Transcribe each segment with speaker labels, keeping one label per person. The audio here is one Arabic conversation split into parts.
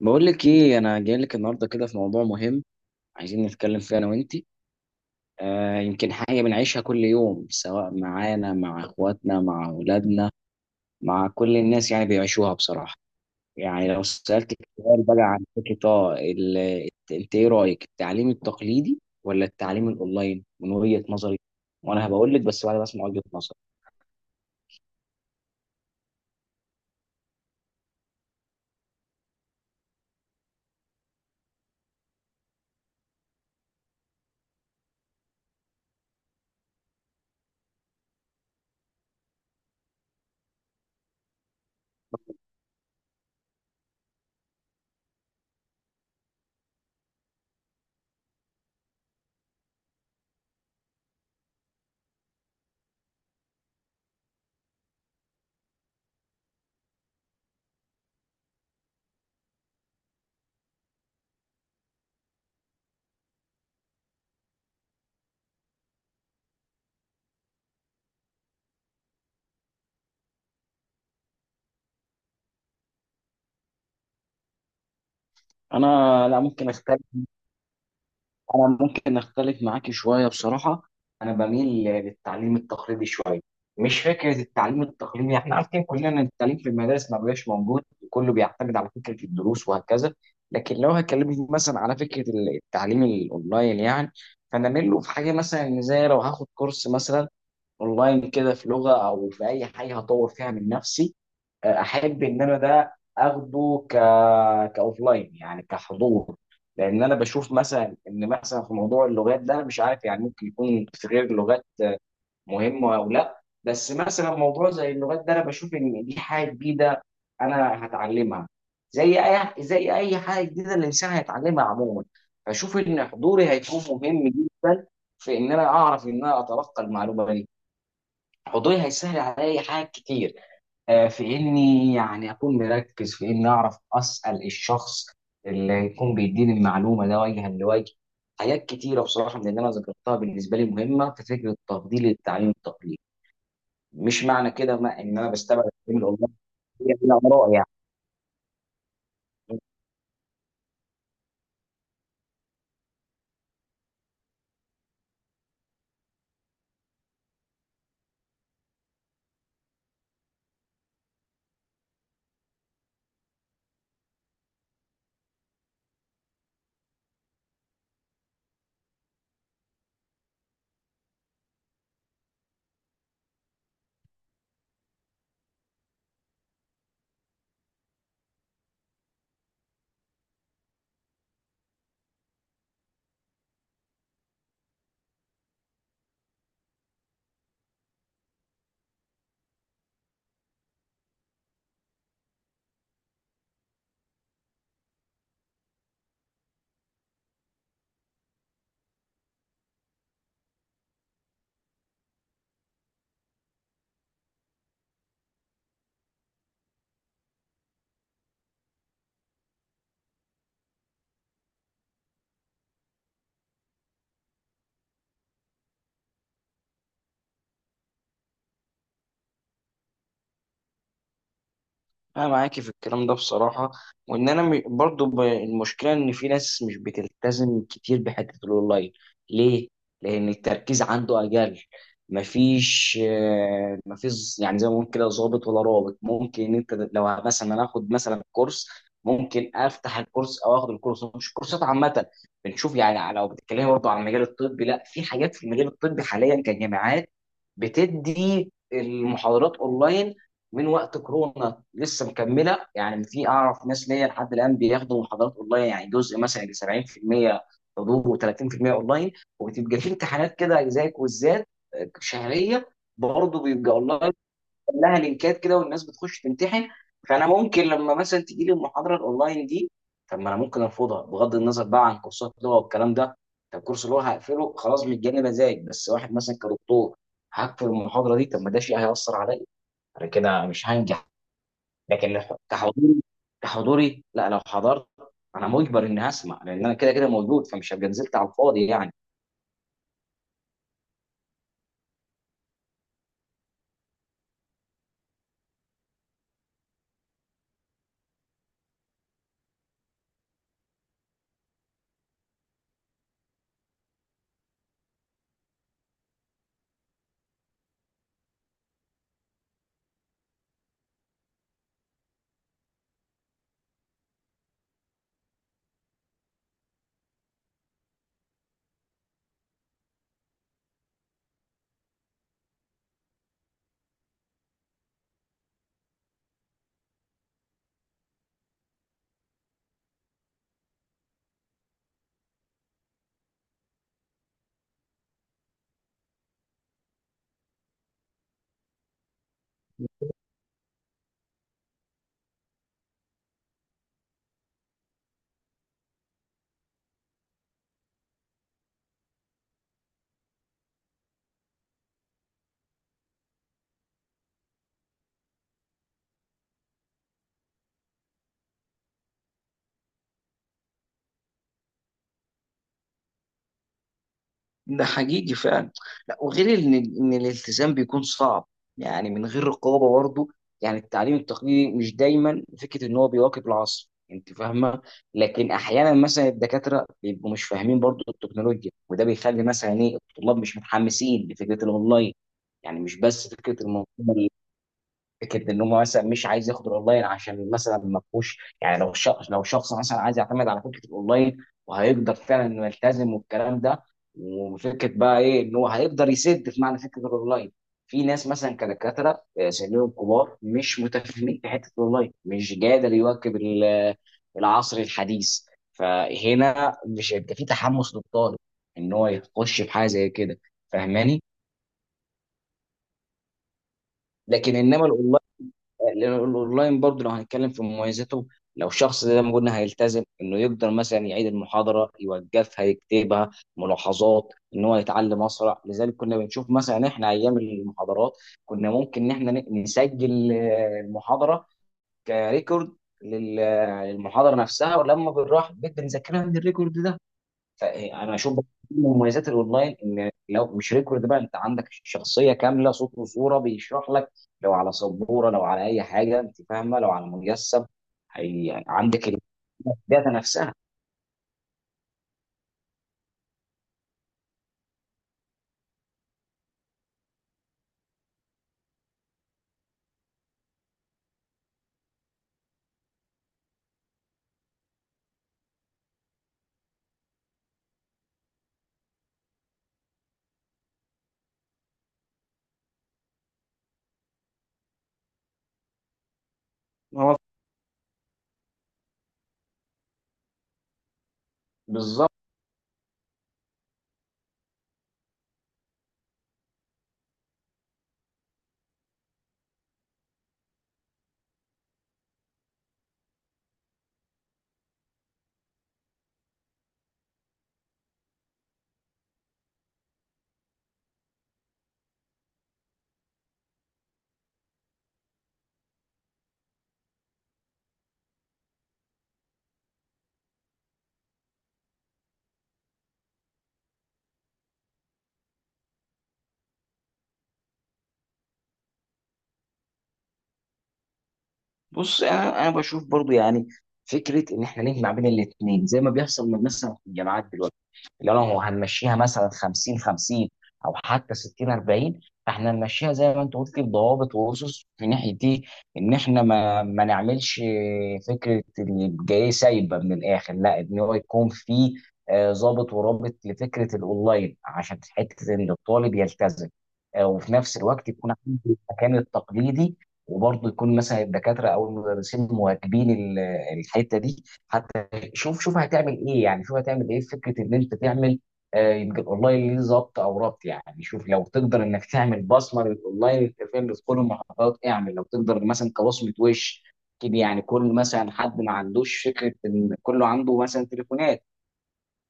Speaker 1: بقول لك ايه، انا جاي لك النهارده كده في موضوع مهم عايزين نتكلم فيه انا وانتي. آه يمكن حاجه بنعيشها كل يوم، سواء معانا، مع اخواتنا، مع اولادنا، مع كل الناس، يعني بيعيشوها بصراحه. يعني لو سالتك سؤال بقى عن فكره، انت ايه رايك؟ التعليم التقليدي ولا التعليم الاونلاين؟ من وجهه نظري، وانا هبقول لك بس بعد ما اسمع وجهه نظري انا. لا، ممكن اختلف معاكي شويه بصراحه. انا بميل للتعليم التقليدي شويه. مش فكره التعليم التقليدي، احنا عارفين كلنا ان التعليم في المدارس ما بقاش موجود، كله بيعتمد على فكره الدروس وهكذا. لكن لو هكلمك مثلا على فكره التعليم الاونلاين يعني، فانا ميل له في حاجه، مثلا إن زي لو هاخد كورس مثلا اونلاين كده في لغه او في اي حاجه هطور فيها من نفسي، احب ان انا ده اخده كاوفلاين يعني كحضور. لان انا بشوف مثلا ان مثلا في موضوع اللغات ده، أنا مش عارف يعني ممكن يكون في غير اللغات مهمه او لا، بس مثلا موضوع زي اللغات ده انا بشوف ان دي حاجه جديده انا هتعلمها، زي اي حاجه جديده الانسان هيتعلمها عموما. فشوف ان حضوري هيكون مهم جدا في ان انا اعرف ان انا اتلقى المعلومه دي. حضوري هيسهل عليا حاجات كتير، في اني يعني اكون مركز في اني اعرف اسال الشخص اللي يكون بيديني المعلومه ده وجها لوجه. حاجات كتيره بصراحه من اللي انا ذكرتها بالنسبه لي مهمه في فكره تفضيل التعليم التقليدي. مش معنى كده ما ان انا بستبعد التعليم الاونلاين، هي بلا اراء يعني. انا معاكي في الكلام ده بصراحه. وان انا م- برضو ب- المشكله ان في ناس مش بتلتزم كتير بحته الاونلاين. ليه؟ لان التركيز عنده اقل. مفيش يعني زي ما بنقول كده ظابط ولا رابط. ممكن ان انت لو مثلا انا اخد مثلا كورس، ممكن افتح الكورس او اخد الكورس. مش كورسات عامه بنشوف، يعني لو بتتكلمي برضو عن المجال الطبي، لا، في حاجات في المجال الطبي حاليا كجامعات بتدي المحاضرات اونلاين من وقت كورونا لسه مكمله. يعني في، اعرف ناس ليا لحد الان بياخدوا محاضرات اونلاين، يعني جزء مثلا يجي 70% حضور و30% اونلاين، وبتبقى في امتحانات كده زي كويزات شهريه، برضه بيبقى اونلاين، لها لينكات كده والناس بتخش تمتحن. فانا ممكن لما مثلا تجي لي المحاضره الاونلاين دي، طب ما انا ممكن ارفضها. بغض النظر بقى عن كورسات لغه والكلام ده، طب كورس لغه هقفله خلاص متجني مزاج. بس واحد مثلا كدكتور هقفل المحاضره دي، طب ما ده شيء هيأثر عليا. انا كده مش هنجح. لكن كحضوري كحضوري لا، لو حضرت انا مجبر اني هسمع لان انا كده كده موجود فمش هبقى نزلت على الفاضي يعني. ده حقيقي فعلا. لا، وغير ان الالتزام بيكون صعب يعني من غير رقابه برضه. يعني التعليم التقليدي مش دايما فكره ان هو بيواكب العصر، انت فاهمه، لكن احيانا مثلا الدكاتره بيبقوا مش فاهمين برضه التكنولوجيا، وده بيخلي مثلا ايه الطلاب مش متحمسين لفكره الاونلاين. يعني مش بس فكره المنظومه، فكره ان هو مثلا مش عايز ياخد الاونلاين عشان مثلا ما فيهوش. يعني لو شخص، مثلا عايز يعتمد على فكره الاونلاين وهيقدر فعلا انه يلتزم والكلام ده، وفكره بقى ايه ان هو هيقدر يسد في معنى فكره الاونلاين. في ناس مثلا كدكاتره سنهم كبار مش متفاهمين في حته الاونلاين، مش قادر يواكب العصر الحديث. فهنا مش هيبقى في تحمس للطالب ان هو يخش في حاجه زي كده. فاهماني؟ لكن انما، لأن الاونلاين برضه لو هنتكلم في مميزاته، لو شخص زي ما قلنا هيلتزم، انه يقدر مثلا يعيد المحاضره، يوقفها، يكتبها ملاحظات، ان هو يتعلم اسرع. لذلك كنا بنشوف مثلا احنا ايام المحاضرات، كنا ممكن ان احنا نسجل المحاضره كريكورد للمحاضره نفسها، ولما بنروح البيت بنذاكرها من الريكورد ده. فانا اشوف بقى من مميزات الاونلاين ان لو مش ريكورد بقى انت عندك شخصيه كامله، صوت وصوره بيشرح لك، لو على سبوره، لو على اي حاجه انت فاهمه، لو على مجسم، هي يعني عندك الداتا نفسها. هو بالظبط. بص، انا بشوف برضو، يعني فكره ان احنا نجمع بين الاثنين زي ما بيحصل من مثلا في الجامعات دلوقتي. لو هنمشيها مثلا 50-50 او حتى 60-40، فاحنا نمشيها زي ما انت قلت بضوابط واسس في ناحيه دي. ان احنا ما نعملش فكره ان الجاي سايبه من الاخر، لا، ان هو يكون في ضابط ورابط لفكره الاونلاين عشان حته ان الطالب يلتزم، وفي نفس الوقت يكون عنده المكان التقليدي، وبرضه يكون مثلا الدكاتره او المدرسين مواكبين الحته دي حتى. شوف شوف هتعمل ايه، يعني شوف هتعمل ايه في فكره ان انت تعمل يبقى الاونلاين ليه ظبط او ربط. يعني شوف لو تقدر انك تعمل بصمه للاونلاين، انت فاهم، بتدخل المحافظات، اعمل لو تقدر مثلا كبصمه وش كده. يعني كل مثلا حد ما عندوش فكره، ان كله عنده مثلا تليفونات،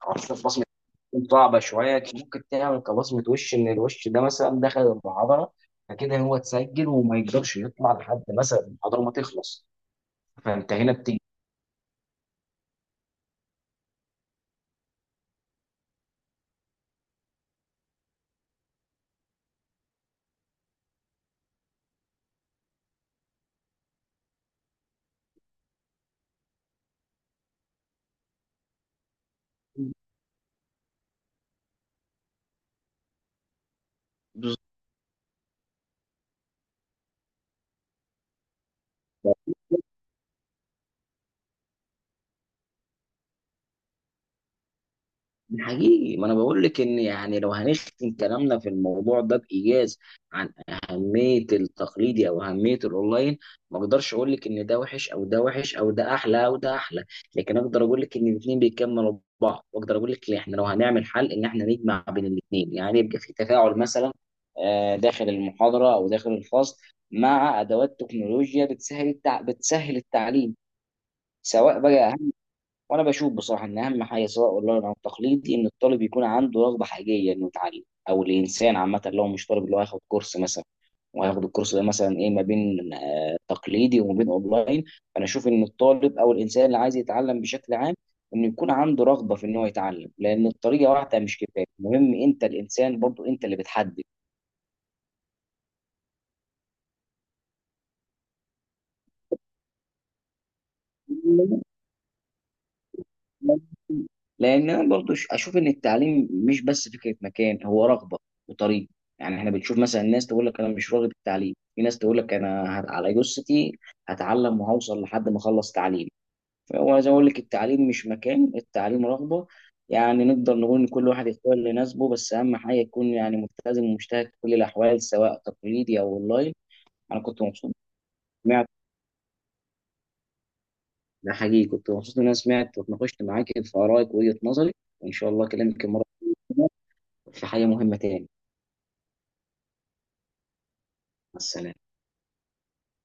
Speaker 1: خلاص بصمه تكون صعبه شويه. ممكن تعمل كبصمه وش ان الوش ده مثلا دخل المحاضره فكده هو اتسجل، وما يقدرش يطلع لحد مثلا المحاضره ما تخلص. فانت هنا بتيجي. حقيقي، ما انا بقول لك ان يعني لو هنختم كلامنا في الموضوع ده بايجاز عن اهميه التقليدي او اهميه الاونلاين، ما اقدرش اقول لك ان ده وحش او ده وحش او ده احلى او ده احلى، لكن اقدر اقول لك ان الاثنين بيكملوا بعض. واقدر اقول لك إن احنا لو هنعمل حل ان احنا نجمع بين الاثنين، يعني يبقى في تفاعل مثلا داخل المحاضره او داخل الفصل، مع ادوات تكنولوجيا بتسهل التعليم سواء بقى. وانا بشوف بصراحه ان اهم حاجه سواء اونلاين او تقليدي ان الطالب يكون عنده رغبه حقيقيه انه يتعلم، او الانسان عامه لو مش طالب اللي هو هياخد كورس مثلا، وهياخد الكورس ده مثلا ايه ما بين تقليدي وما بين اونلاين. فانا اشوف ان الطالب او الانسان اللي عايز يتعلم بشكل عام، انه يكون عنده رغبه في ان هو يتعلم، لان الطريقه واحده مش كفايه، المهم انت، الانسان برضو انت اللي بتحدد. لان انا برضو اشوف ان التعليم مش بس فكره مكان، هو رغبه وطريق. يعني احنا بنشوف مثلا ناس تقول لك انا مش راغب التعليم، في ناس تقول لك انا على جثتي هتعلم وهوصل لحد ما اخلص تعليم. فهو زي ما اقول لك التعليم مش مكان، التعليم رغبه. يعني نقدر نقول ان كل واحد يختار اللي يناسبه، بس اهم حاجه يكون يعني ملتزم ومجتهد في كل الاحوال سواء تقليدي او اونلاين. انا كنت مبسوط، سمعت، ده حقيقي. كنت مبسوط ان انا سمعت واتناقشت معاك في ارائك، وجهه نظري. وان شاء الله اكلمك المره في حاجة مهمة تاني. مع السلامة.